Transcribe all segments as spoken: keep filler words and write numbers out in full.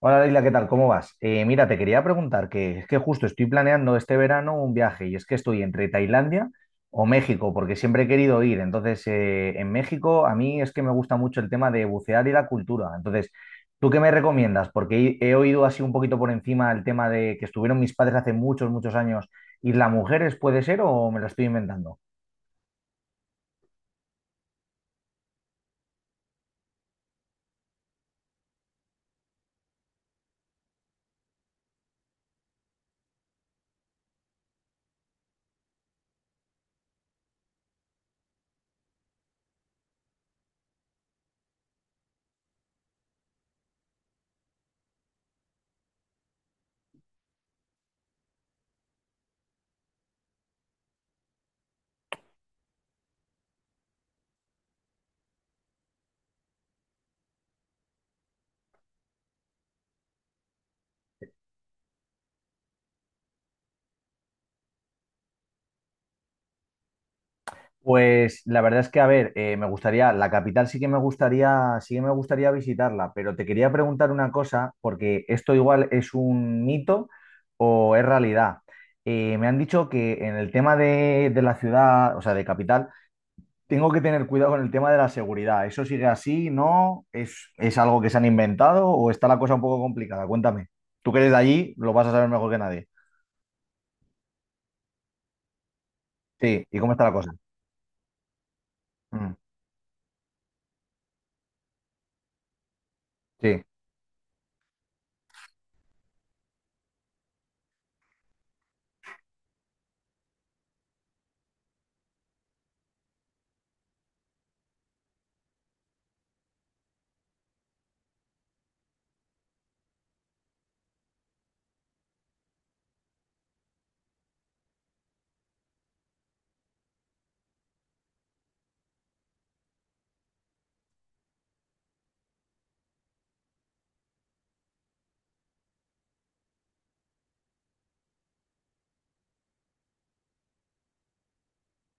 Hola Leila, ¿qué tal? ¿Cómo vas? Eh, mira, te quería preguntar que es que justo estoy planeando este verano un viaje y es que estoy entre Tailandia o México porque siempre he querido ir. Entonces, eh, en México a mí es que me gusta mucho el tema de bucear y la cultura. Entonces, ¿tú qué me recomiendas? Porque he, he oído así un poquito por encima el tema de que estuvieron mis padres hace muchos, muchos años. ¿Isla Mujeres puede ser o me lo estoy inventando? Pues la verdad es que, a ver, eh, me gustaría, la capital sí que me gustaría, sí que me gustaría visitarla, pero te quería preguntar una cosa, porque esto igual es un mito o es realidad. Eh, me han dicho que en el tema de, de la ciudad, o sea, de capital, tengo que tener cuidado con el tema de la seguridad. ¿Eso sigue así? ¿No? ¿Es, es algo que se han inventado o está la cosa un poco complicada? Cuéntame. Tú que eres de allí, lo vas a saber mejor que nadie. Sí, ¿y cómo está la cosa? Mm, sí,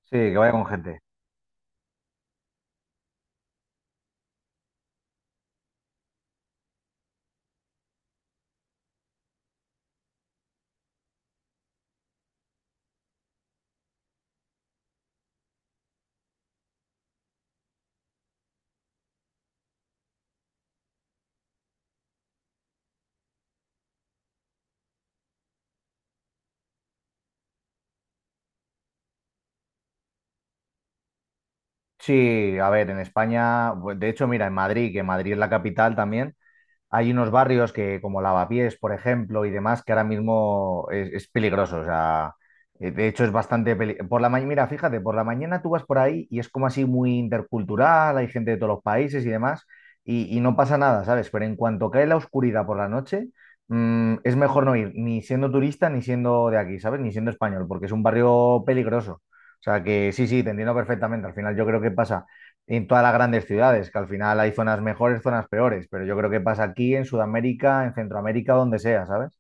sí, que vaya con gente. Sí, a ver, en España, bu- de hecho, mira, en Madrid, que Madrid es la capital también, hay unos barrios que, como Lavapiés, por ejemplo, y demás, que ahora mismo es, es peligroso. O sea, eh, de hecho es bastante peli- Por la mañana, mira, fíjate, por la mañana tú vas por ahí y es como así muy intercultural, hay gente de todos los países y demás, y, y no pasa nada, ¿sabes? Pero en cuanto cae la oscuridad por la noche, mm, es mejor no ir, ni siendo turista, ni siendo de aquí, ¿sabes? Ni siendo español, porque es un barrio peligroso. O sea que sí, sí, te entiendo perfectamente. Al final yo creo que pasa en todas las grandes ciudades, que al final hay zonas mejores, zonas peores, pero yo creo que pasa aquí en Sudamérica, en Centroamérica, donde sea, ¿sabes?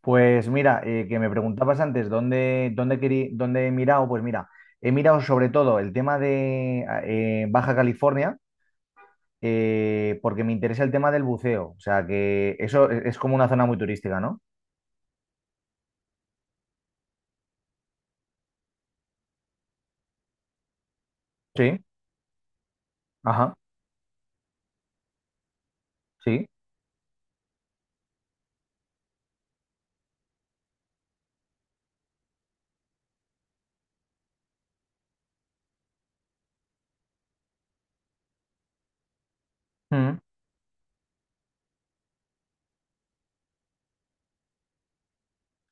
Pues mira, eh, que me preguntabas antes dónde, dónde, querí- dónde he mirado, pues mira, he mirado sobre todo el tema de ah, eh, Baja California, eh, porque me interesa el tema del buceo, o sea que eso es, es como una zona muy turística, ¿no? Sí, ajá, sí. Mm.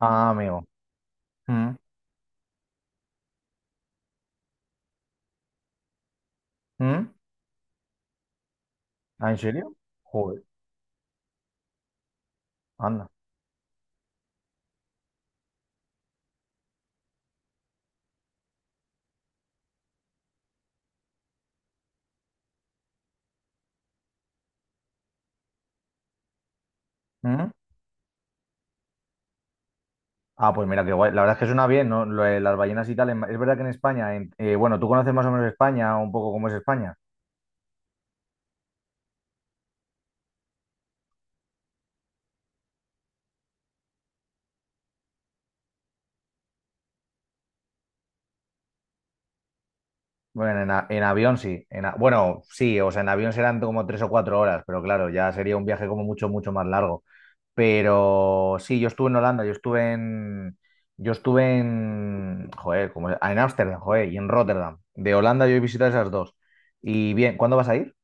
Ah, amigo. Mm, mm. ¿Ah, en serio? Joder, anda. Mm. Ah, pues mira, qué guay. La verdad es que suena bien, ¿no? Lo de las ballenas y tal. En- Es verdad que en España, en- eh, bueno, tú conoces más o menos España, un poco cómo es España. Bueno, en, a- en avión sí. En a- bueno, sí, o sea, en avión serán como tres o cuatro horas, pero claro, ya sería un viaje como mucho, mucho más largo. Pero sí, yo estuve en, Holanda, yo estuve en, yo estuve en, joder, como, en Ámsterdam, joder, y en Rotterdam. De Holanda yo he visitado esas dos. Y bien, ¿cuándo vas a ir?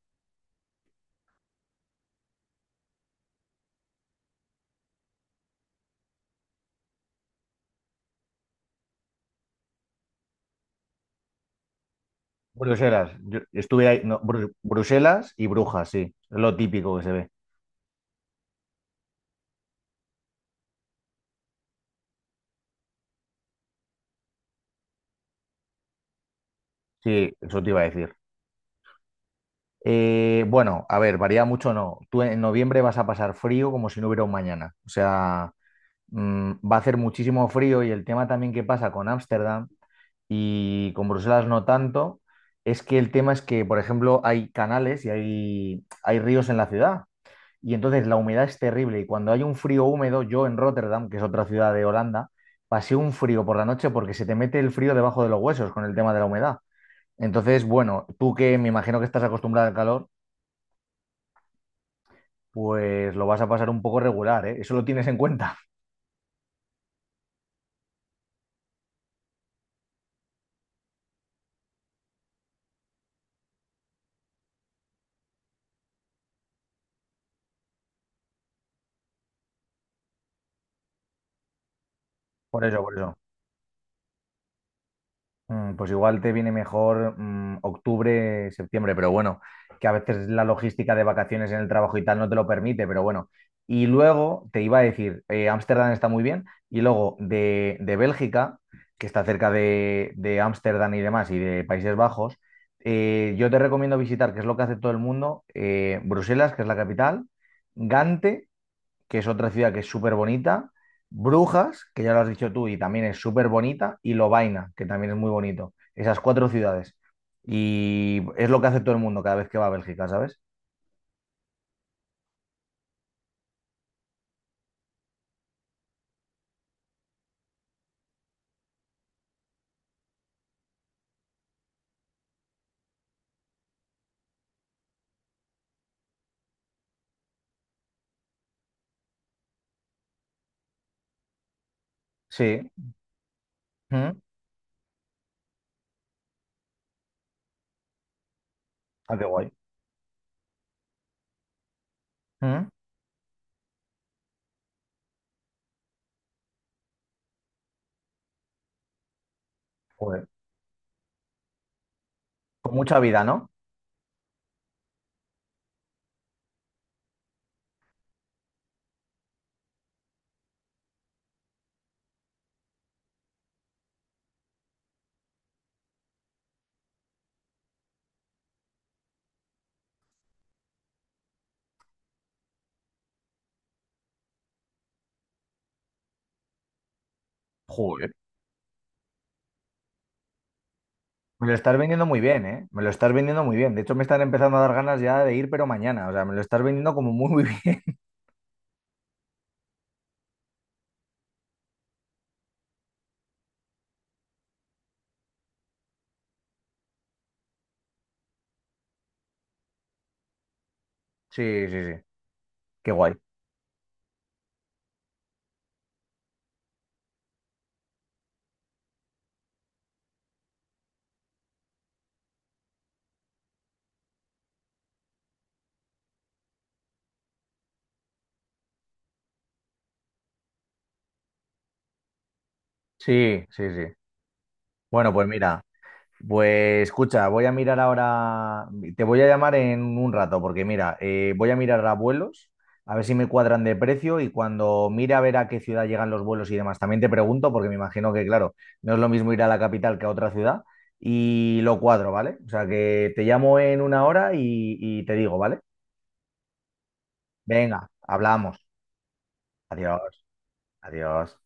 Bruselas. Yo estuve ahí, no, Bru- Bruselas y Brujas, sí. Es lo típico que se ve. Sí, eso te iba a decir. Eh, bueno, a ver, varía mucho no. Tú en noviembre vas a pasar frío como si no hubiera un mañana. O sea, mm, va a hacer muchísimo frío y el tema también que pasa con Ámsterdam y con Bruselas no tanto, es que el tema es que, por ejemplo, hay canales y hay, hay ríos en la ciudad. Y entonces la humedad es terrible. Y cuando hay un frío húmedo, yo en Rotterdam, que es otra ciudad de Holanda, pasé un frío por la noche porque se te mete el frío debajo de los huesos con el tema de la humedad. Entonces, bueno, tú que me imagino que estás acostumbrada al calor, pues lo vas a pasar un poco regular, ¿eh? Eso lo tienes en cuenta. Por eso, por eso. Mm, pues igual te viene mejor mm, octubre, septiembre, pero bueno, que a veces la logística de vacaciones en el trabajo y tal no te lo permite, pero bueno. Y luego te iba a decir, eh, Ámsterdam está muy bien, y luego de, de Bélgica, que está cerca de, de Ámsterdam y demás, y de Países Bajos, eh, yo te recomiendo visitar, que es lo que hace todo el mundo, eh, Bruselas, que es la capital, Gante que es otra ciudad que es súper bonita, Brujas, que ya lo has dicho tú y también es súper bonita, y Lovaina, que también es muy bonito. Esas cuatro ciudades. Y es lo que hace todo el mundo cada vez que va a Bélgica, ¿sabes? Sí. Mm. Ah, qué guay. Mm. Joder. Con mucha vida, ¿no? Joder. Me lo estás vendiendo muy bien, ¿eh? Me lo estás vendiendo muy bien. De hecho, me están empezando a dar ganas ya de ir, pero mañana. O sea, me lo estás vendiendo como muy, muy bien. Sí, sí, sí. Qué guay. Sí, sí, sí. Bueno, pues mira. Pues escucha, voy a mirar ahora, te voy a llamar en un rato porque mira, eh, voy a mirar a vuelos, a ver si me cuadran de precio y cuando mire a ver a qué ciudad llegan los vuelos y demás, también te pregunto porque me imagino que claro, no es lo mismo ir a la capital que a otra ciudad y lo cuadro, ¿vale? O sea que te llamo en una hora y, y te digo, ¿vale? Venga, hablamos. Adiós, adiós.